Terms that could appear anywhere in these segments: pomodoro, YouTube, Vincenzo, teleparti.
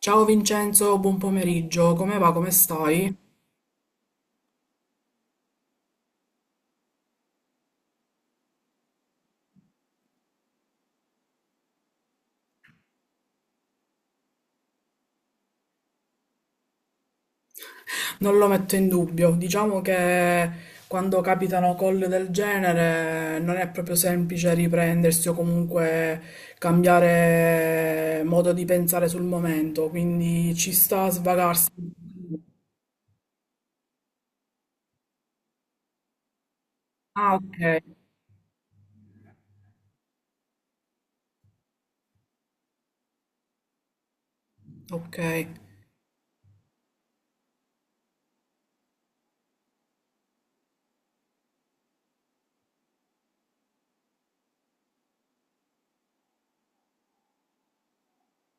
Ciao Vincenzo, buon pomeriggio, come va, come stai? Non lo metto in dubbio, diciamo che quando capitano call del genere non è proprio semplice riprendersi o comunque cambiare modo di pensare sul momento, quindi ci sta a svagarsi. Ah, ok, ok.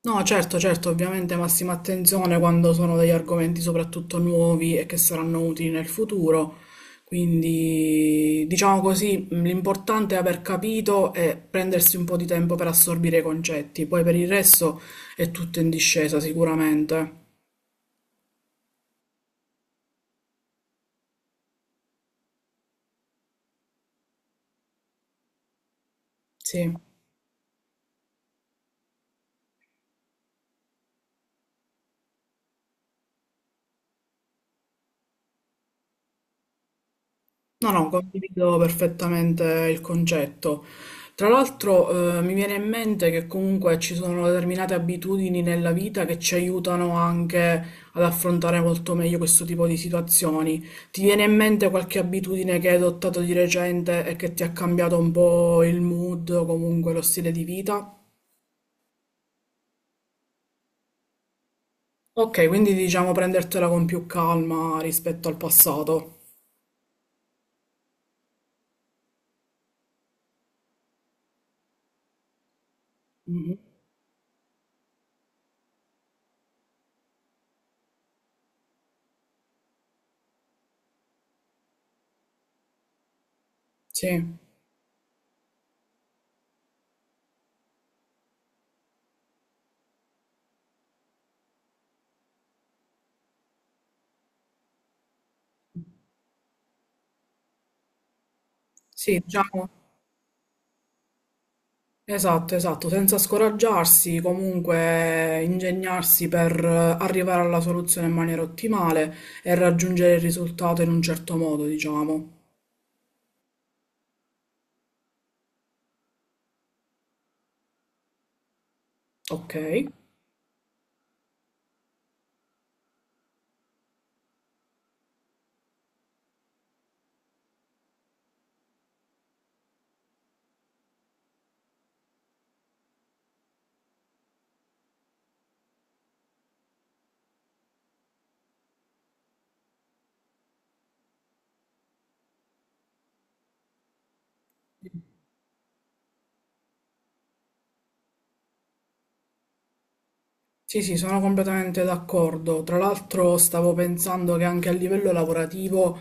No, certo, certo, ovviamente massima attenzione quando sono degli argomenti soprattutto nuovi e che saranno utili nel futuro. Quindi, diciamo così, l'importante è aver capito e prendersi un po' di tempo per assorbire i concetti. Poi per il resto è tutto in discesa, sicuramente. Sì. No, no, condivido perfettamente il concetto. Tra l'altro, mi viene in mente che comunque ci sono determinate abitudini nella vita che ci aiutano anche ad affrontare molto meglio questo tipo di situazioni. Ti viene in mente qualche abitudine che hai adottato di recente e che ti ha cambiato un po' il mood o comunque lo stile di vita? Ok, quindi diciamo prendertela con più calma rispetto al passato. Mhm. Sì, sì, diciamo. Esatto, esatto, senza scoraggiarsi, comunque ingegnarsi per arrivare alla soluzione in maniera ottimale e raggiungere il risultato in un certo modo, diciamo. Ok. Sì, sì, sono completamente d'accordo. Tra l'altro stavo pensando che anche a livello lavorativo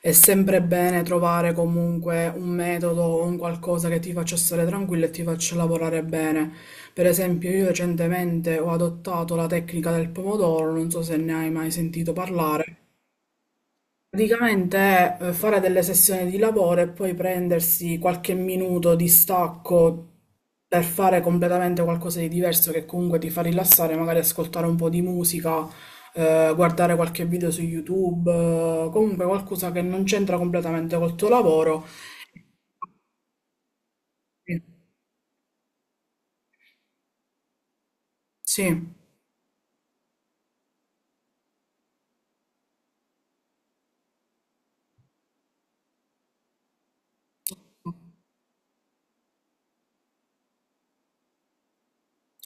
è sempre bene trovare comunque un metodo o un qualcosa che ti faccia stare tranquillo e ti faccia lavorare bene. Per esempio, io recentemente ho adottato la tecnica del pomodoro, non so se ne hai mai sentito parlare. Praticamente è fare delle sessioni di lavoro e poi prendersi qualche minuto di stacco per fare completamente qualcosa di diverso che comunque ti fa rilassare, magari ascoltare un po' di musica, guardare qualche video su YouTube, comunque qualcosa che non c'entra completamente col tuo lavoro. Sì. Sì.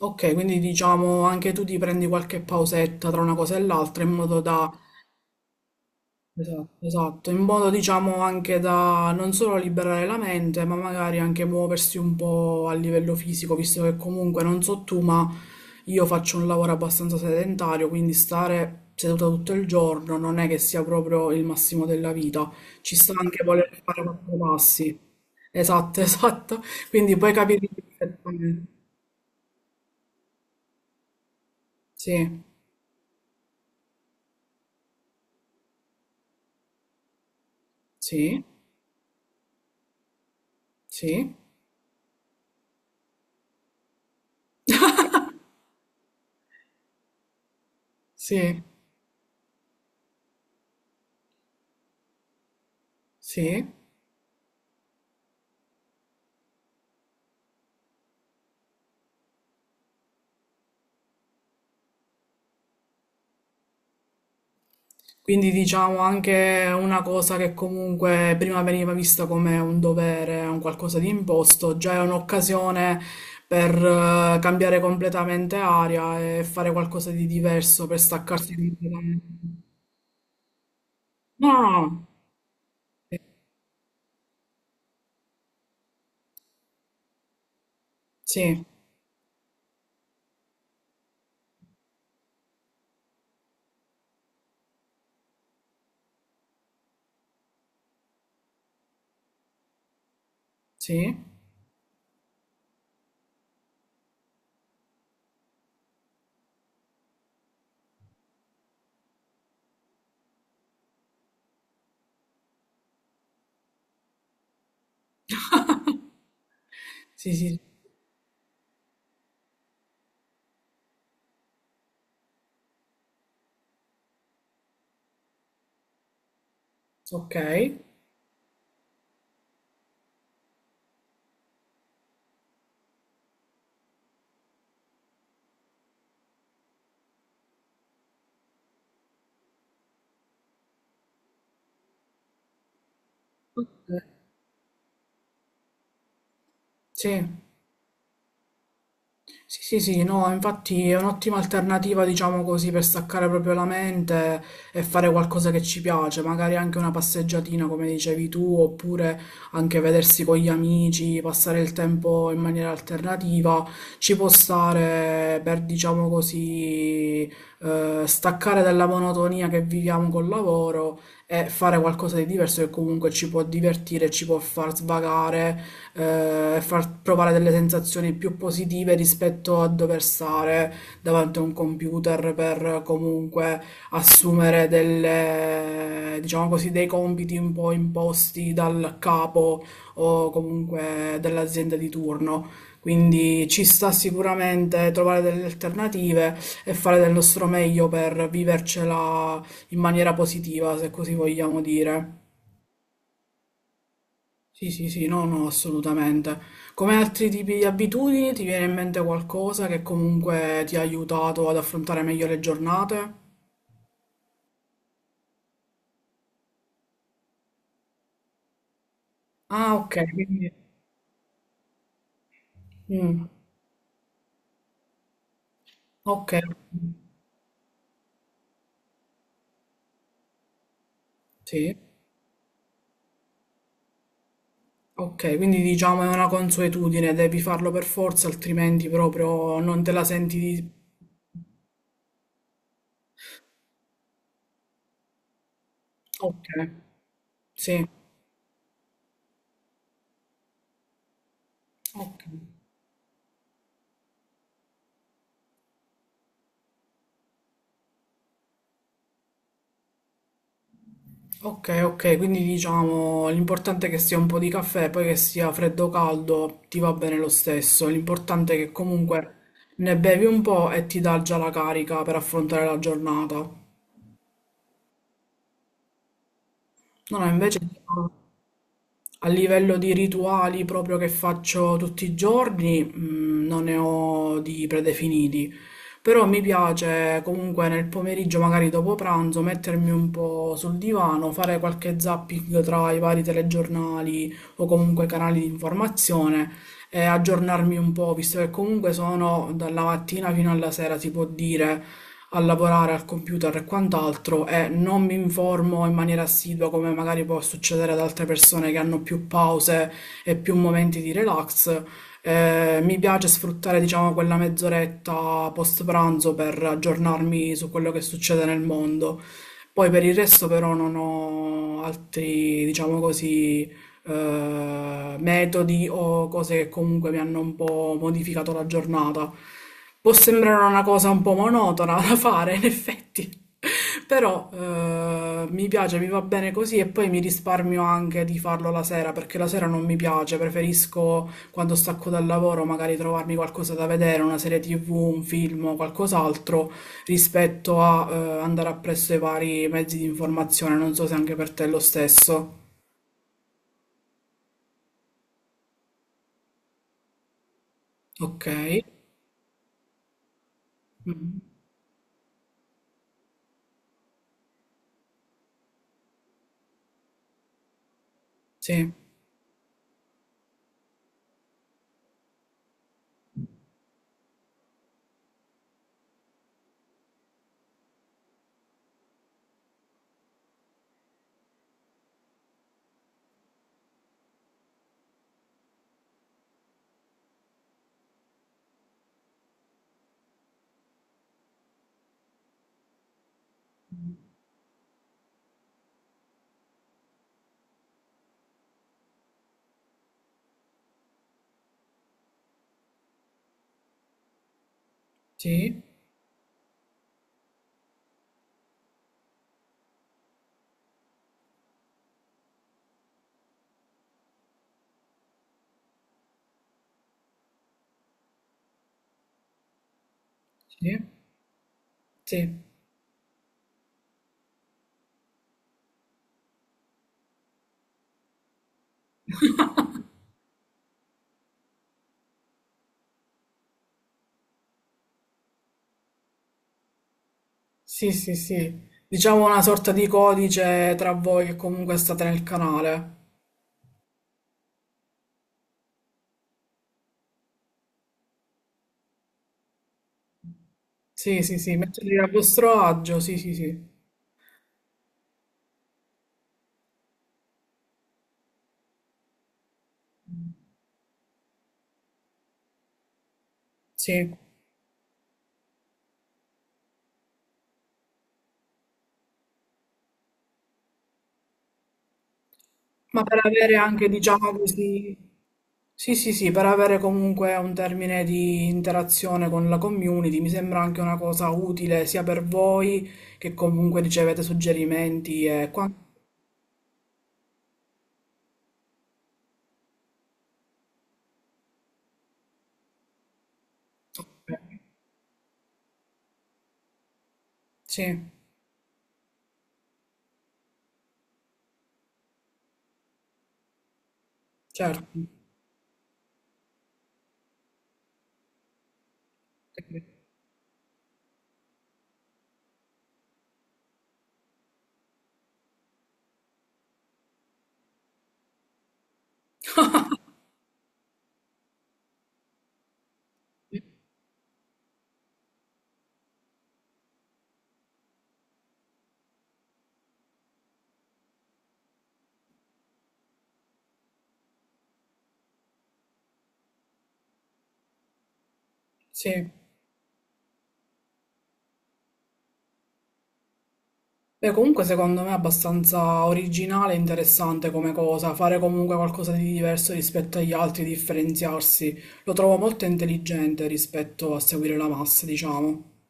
Ok, quindi diciamo anche tu ti prendi qualche pausetta tra una cosa e l'altra in modo da... Esatto, esatto, in modo diciamo anche da non solo liberare la mente, ma magari anche muoversi un po' a livello fisico, visto che comunque non so tu, ma io faccio un lavoro abbastanza sedentario, quindi stare seduta tutto il giorno non è che sia proprio il massimo della vita, ci sta anche voler fare quattro passi. Esatto, esatto, quindi puoi capire perfettamente. Sì, sì, sì, sì, sì. Quindi diciamo anche una cosa che comunque prima veniva vista come un dovere, un qualcosa di imposto, già è un'occasione per cambiare completamente aria e fare qualcosa di diverso, per staccarsi completamente. No, no, no. Sì, sì, sì, sì, ok. Ok. Sì. Sì, sì, sì, no, infatti è un'ottima alternativa, diciamo così, per staccare proprio la mente e fare qualcosa che ci piace, magari anche una passeggiatina, come dicevi tu, oppure anche vedersi con gli amici, passare il tempo in maniera alternativa, ci può stare per, diciamo così, staccare dalla monotonia che viviamo col lavoro e fare qualcosa di diverso che comunque ci può divertire, ci può far svagare, far provare delle sensazioni più positive rispetto a dover stare davanti a un computer per comunque assumere delle, diciamo così, dei compiti un po' imposti dal capo o comunque dell'azienda di turno. Quindi ci sta sicuramente trovare delle alternative e fare del nostro meglio per vivercela in maniera positiva, se così vogliamo dire. Sì, sì, sì, no, no, assolutamente. Come altri tipi di abitudini, ti viene in mente qualcosa che comunque ti ha aiutato ad affrontare meglio le giornate? Ah, ok, quindi... Mm, ok, sì, ok, quindi diciamo è una consuetudine, devi farlo per forza, altrimenti proprio non te la senti di... Ok, sì, ok. Ok, ok, quindi diciamo l'importante è che sia un po' di caffè, poi che sia freddo o caldo, ti va bene lo stesso. L'importante è che comunque ne bevi un po' e ti dà già la carica per affrontare la giornata. No, no, invece diciamo, a livello di rituali proprio che faccio tutti i giorni, non ne ho di predefiniti, però mi piace comunque nel pomeriggio, magari dopo pranzo, mettermi un po' sul divano, fare qualche zapping tra i vari telegiornali o comunque canali di informazione e aggiornarmi un po', visto che comunque sono dalla mattina fino alla sera, si può dire, a lavorare al computer e quant'altro e non mi informo in maniera assidua come magari può succedere ad altre persone che hanno più pause e più momenti di relax. Mi piace sfruttare, diciamo, quella mezz'oretta post pranzo per aggiornarmi su quello che succede nel mondo. Poi per il resto però non ho altri, diciamo così, metodi o cose che comunque mi hanno un po' modificato la giornata. Può sembrare una cosa un po' monotona da fare, in effetti, però mi piace, mi va bene così e poi mi risparmio anche di farlo la sera, perché la sera non mi piace, preferisco quando stacco dal lavoro magari trovarmi qualcosa da vedere, una serie TV, un film o qualcos'altro, rispetto a andare appresso ai vari mezzi di informazione. Non so se anche per te è lo stesso. Ok. Mh. Sì, sì, sì, sì, sì, sì, sì. Diciamo una sorta di codice tra voi che comunque state nel canale. Sì, sì, sì, metterli a vostro agio, sì, sì, sì, sì. Ma per avere anche, diciamo così, sì, sì, sì, per avere comunque un termine di interazione con la community, mi sembra anche una cosa utile sia per voi che comunque ricevete suggerimenti e quant'altro. Sì, certo. Sì. Beh, comunque secondo me è abbastanza originale e interessante come cosa, fare comunque qualcosa di diverso rispetto agli altri, differenziarsi. Lo trovo molto intelligente rispetto a seguire la massa, diciamo.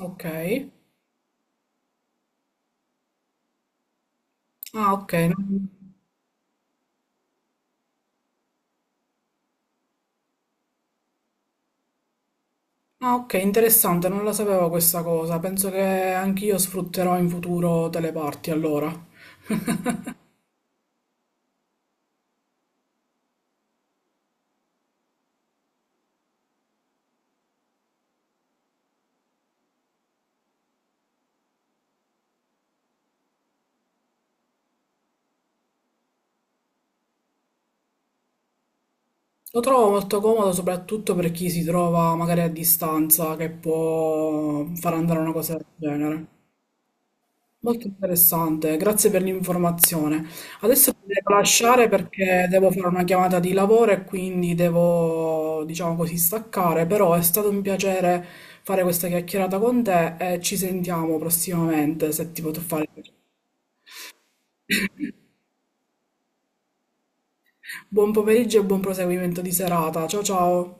Ok. Ah, ok. Non... Ah, ok, interessante, non la sapevo questa cosa. Penso che anch'io sfrutterò in futuro teleparti allora. Lo trovo molto comodo soprattutto per chi si trova magari a distanza che può far andare una cosa del genere. Molto interessante, grazie per l'informazione. Adesso ti devo lasciare perché devo fare una chiamata di lavoro e quindi devo, diciamo così, staccare, però è stato un piacere fare questa chiacchierata con te e ci sentiamo prossimamente se ti potrò fare. Buon pomeriggio e buon proseguimento di serata. Ciao ciao.